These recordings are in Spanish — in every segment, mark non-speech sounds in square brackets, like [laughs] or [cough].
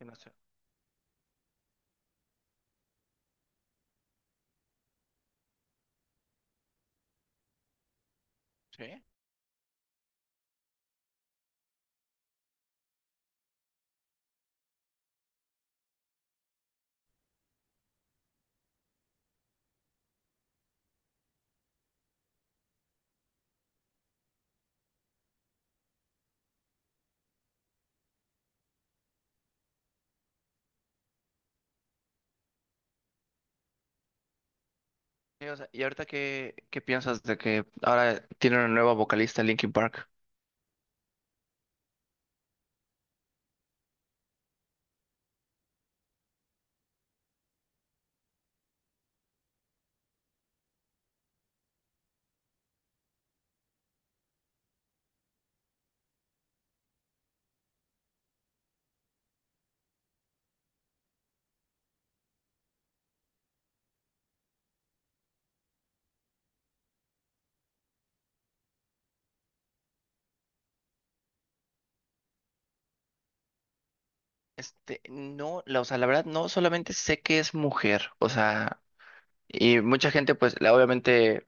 Y no sé. Sí. Sí, o sea, ¿y ahorita qué piensas de que ahora tiene una nueva vocalista Linkin Park? Este, no, la, o sea, la verdad no solamente sé que es mujer, o sea, y mucha gente pues obviamente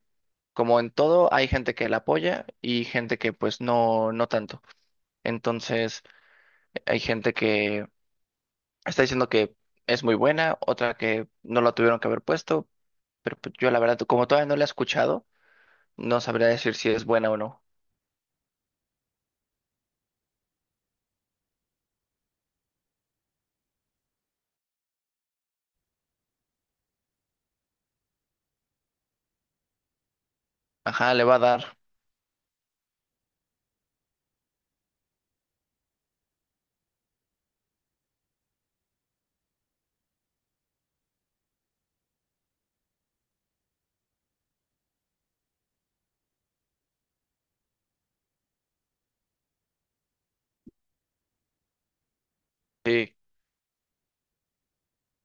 como en todo hay gente que la apoya y gente que pues no no tanto. Entonces, hay gente que está diciendo que es muy buena, otra que no la tuvieron que haber puesto, pero pues, yo la verdad como todavía no la he escuchado, no sabría decir si es buena o no. Ajá, le va a dar. Sí.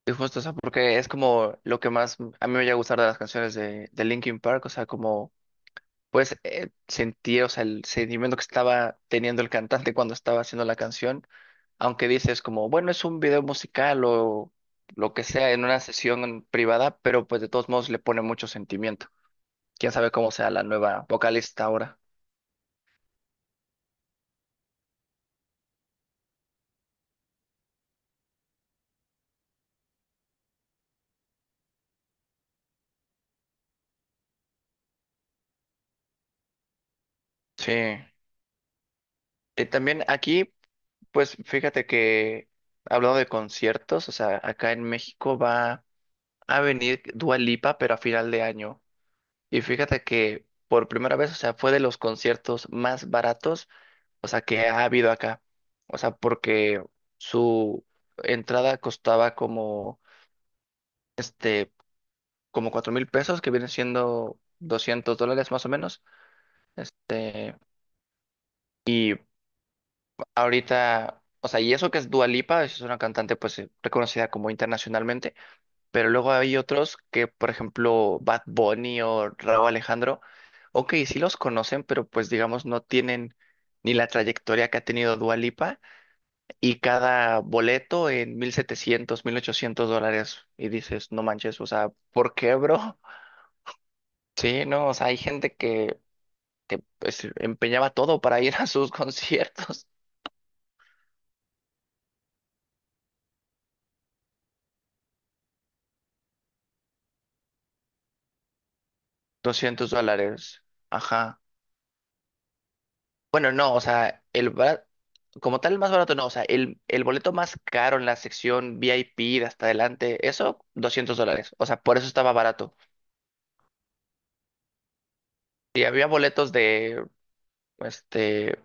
Y justo, o sea, porque es como lo que más a mí me llega a gustar de las canciones de Linkin Park, o sea, como pues sentir, o sea, el sentimiento que estaba teniendo el cantante [laughs] cuando estaba haciendo la canción, aunque dices como, bueno, es un video musical o lo que sea en una sesión privada, pero pues de todos modos le pone mucho sentimiento. Quién sabe cómo sea la nueva vocalista ahora. Sí. También aquí, pues fíjate que hablando de conciertos, o sea, acá en México va a venir Dua Lipa, pero a final de año. Y fíjate que por primera vez, o sea, fue de los conciertos más baratos, o sea, que ha habido acá. O sea, porque su entrada costaba como 4,000 pesos, que vienen siendo $200 más o menos. Este, ahorita, o sea, y eso que es Dua Lipa, es una cantante pues reconocida como internacionalmente. Pero luego hay otros que, por ejemplo, Bad Bunny o Rauw Alejandro, ok, sí los conocen, pero pues digamos no tienen ni la trayectoria que ha tenido Dua Lipa y cada boleto en 1,700 $1,800 y dices, no manches, o sea, ¿por qué, bro? [laughs] Sí, no, o sea, hay gente que pues empeñaba todo para ir a sus [laughs] conciertos, $200, ajá. Bueno, no, o sea, el como tal el más barato no, o sea, el boleto más caro en la sección VIP de hasta adelante, eso, $200, o sea, por eso estaba barato. Y había boletos de, este,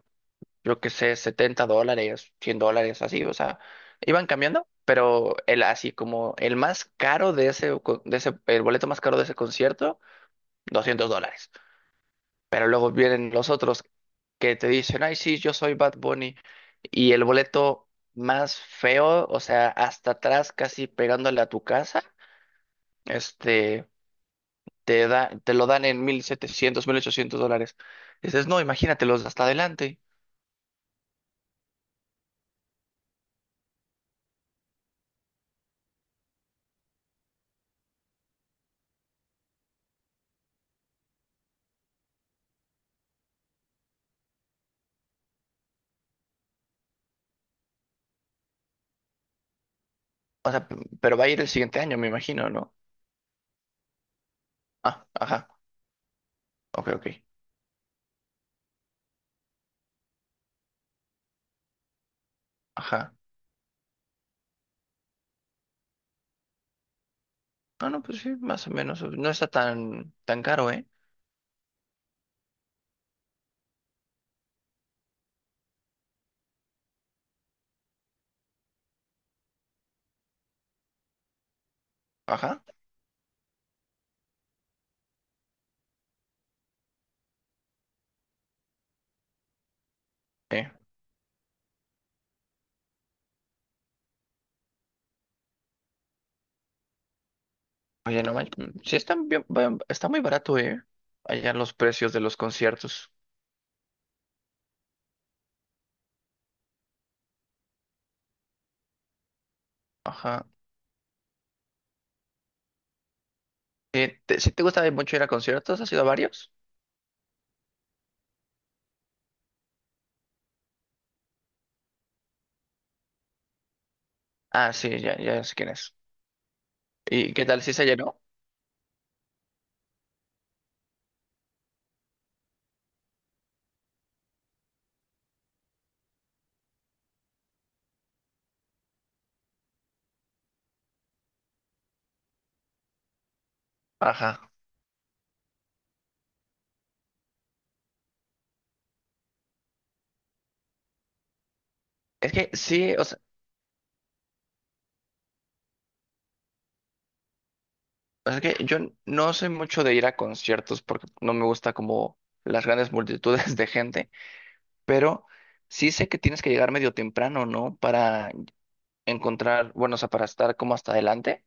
yo qué sé, $70, $100, así, o sea, iban cambiando, pero el así como el más caro de ese, de ese, el boleto más caro de ese concierto, $200. Pero luego vienen los otros que te dicen, ay, sí, yo soy Bad Bunny. Y el boleto más feo, o sea, hasta atrás, casi pegándole a tu casa, este, te da, te lo dan en 1,700 mil ochocientos dólares. Dices, no, imagínatelos hasta adelante. O sea, pero va a ir el siguiente año, me imagino, ¿no? Ah, ajá, ok, ok, ajá. Ah, no, pues sí, más o menos, no está tan, tan caro, ¿eh? Ajá, sí. Oye, no manches, sí están bien, está muy barato, ¿eh? Allá los precios de los conciertos. Ajá. ¿Sí te gusta mucho ir a conciertos? ¿Has ido a varios? Ah, sí, ya, ya sé quién es. ¿Y qué tal? ¿Sí se llenó? Ajá. Es que sí, o sea, es que yo no soy mucho de ir a conciertos porque no me gusta como las grandes multitudes de gente, pero sí sé que tienes que llegar medio temprano, ¿no? Para encontrar, bueno, o sea, para estar como hasta adelante.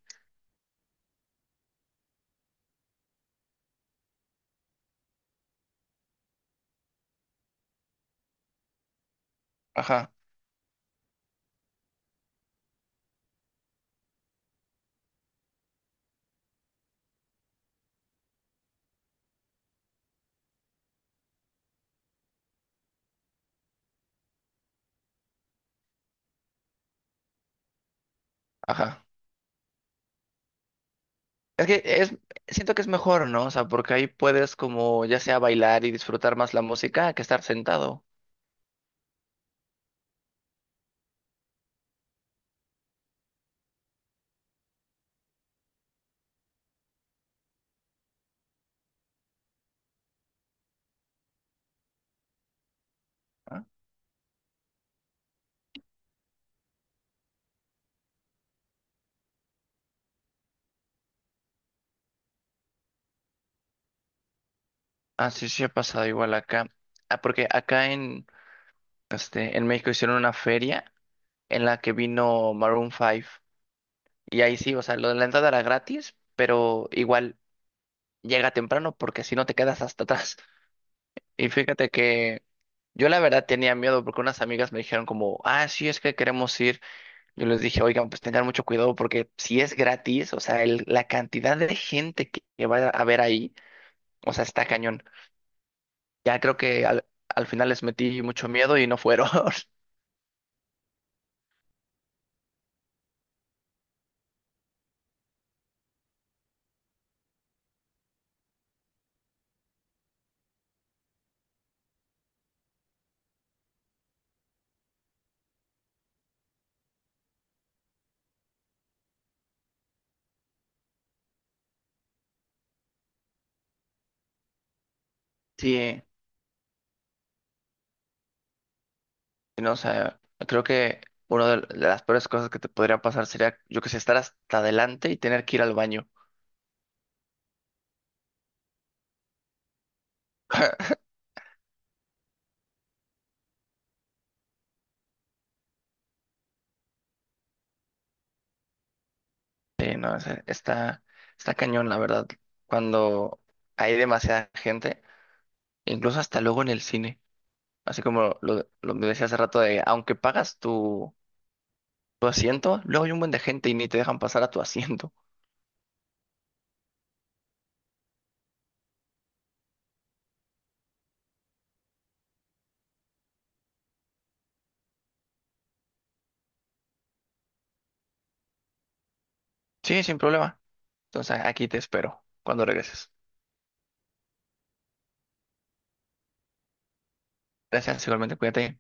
Ajá, ajá. Es que es, siento que es mejor, ¿no? O sea, porque ahí puedes como ya sea bailar y disfrutar más la música que estar sentado. ¿No? Ah, sí, sí ha pasado igual acá. Ah, porque acá en, este, en México hicieron una feria en la que vino Maroon 5. Y ahí sí, o sea, lo de la entrada era gratis, pero igual llega temprano porque si no te quedas hasta atrás. [laughs] Y fíjate que yo la verdad tenía miedo porque unas amigas me dijeron como, ah, sí, es que queremos ir. Yo les dije, oigan, pues tengan mucho cuidado porque si es gratis, o sea, la cantidad de gente que va a ver ahí, o sea, está cañón. Ya creo que al final les metí mucho miedo y no fueron. [laughs] Sí, no, o sea, creo que una de las peores cosas que te podría pasar sería, yo que sé, estar hasta adelante y tener que ir al baño. Sí, no, o sea, está cañón, la verdad, cuando hay demasiada gente, incluso hasta luego en el cine. Así como lo me decía hace rato de, aunque pagas tu tu asiento, luego hay un buen de gente y ni te dejan pasar a tu asiento. Sí, sin problema. Entonces aquí te espero cuando regreses. Gracias, igualmente, cuídate.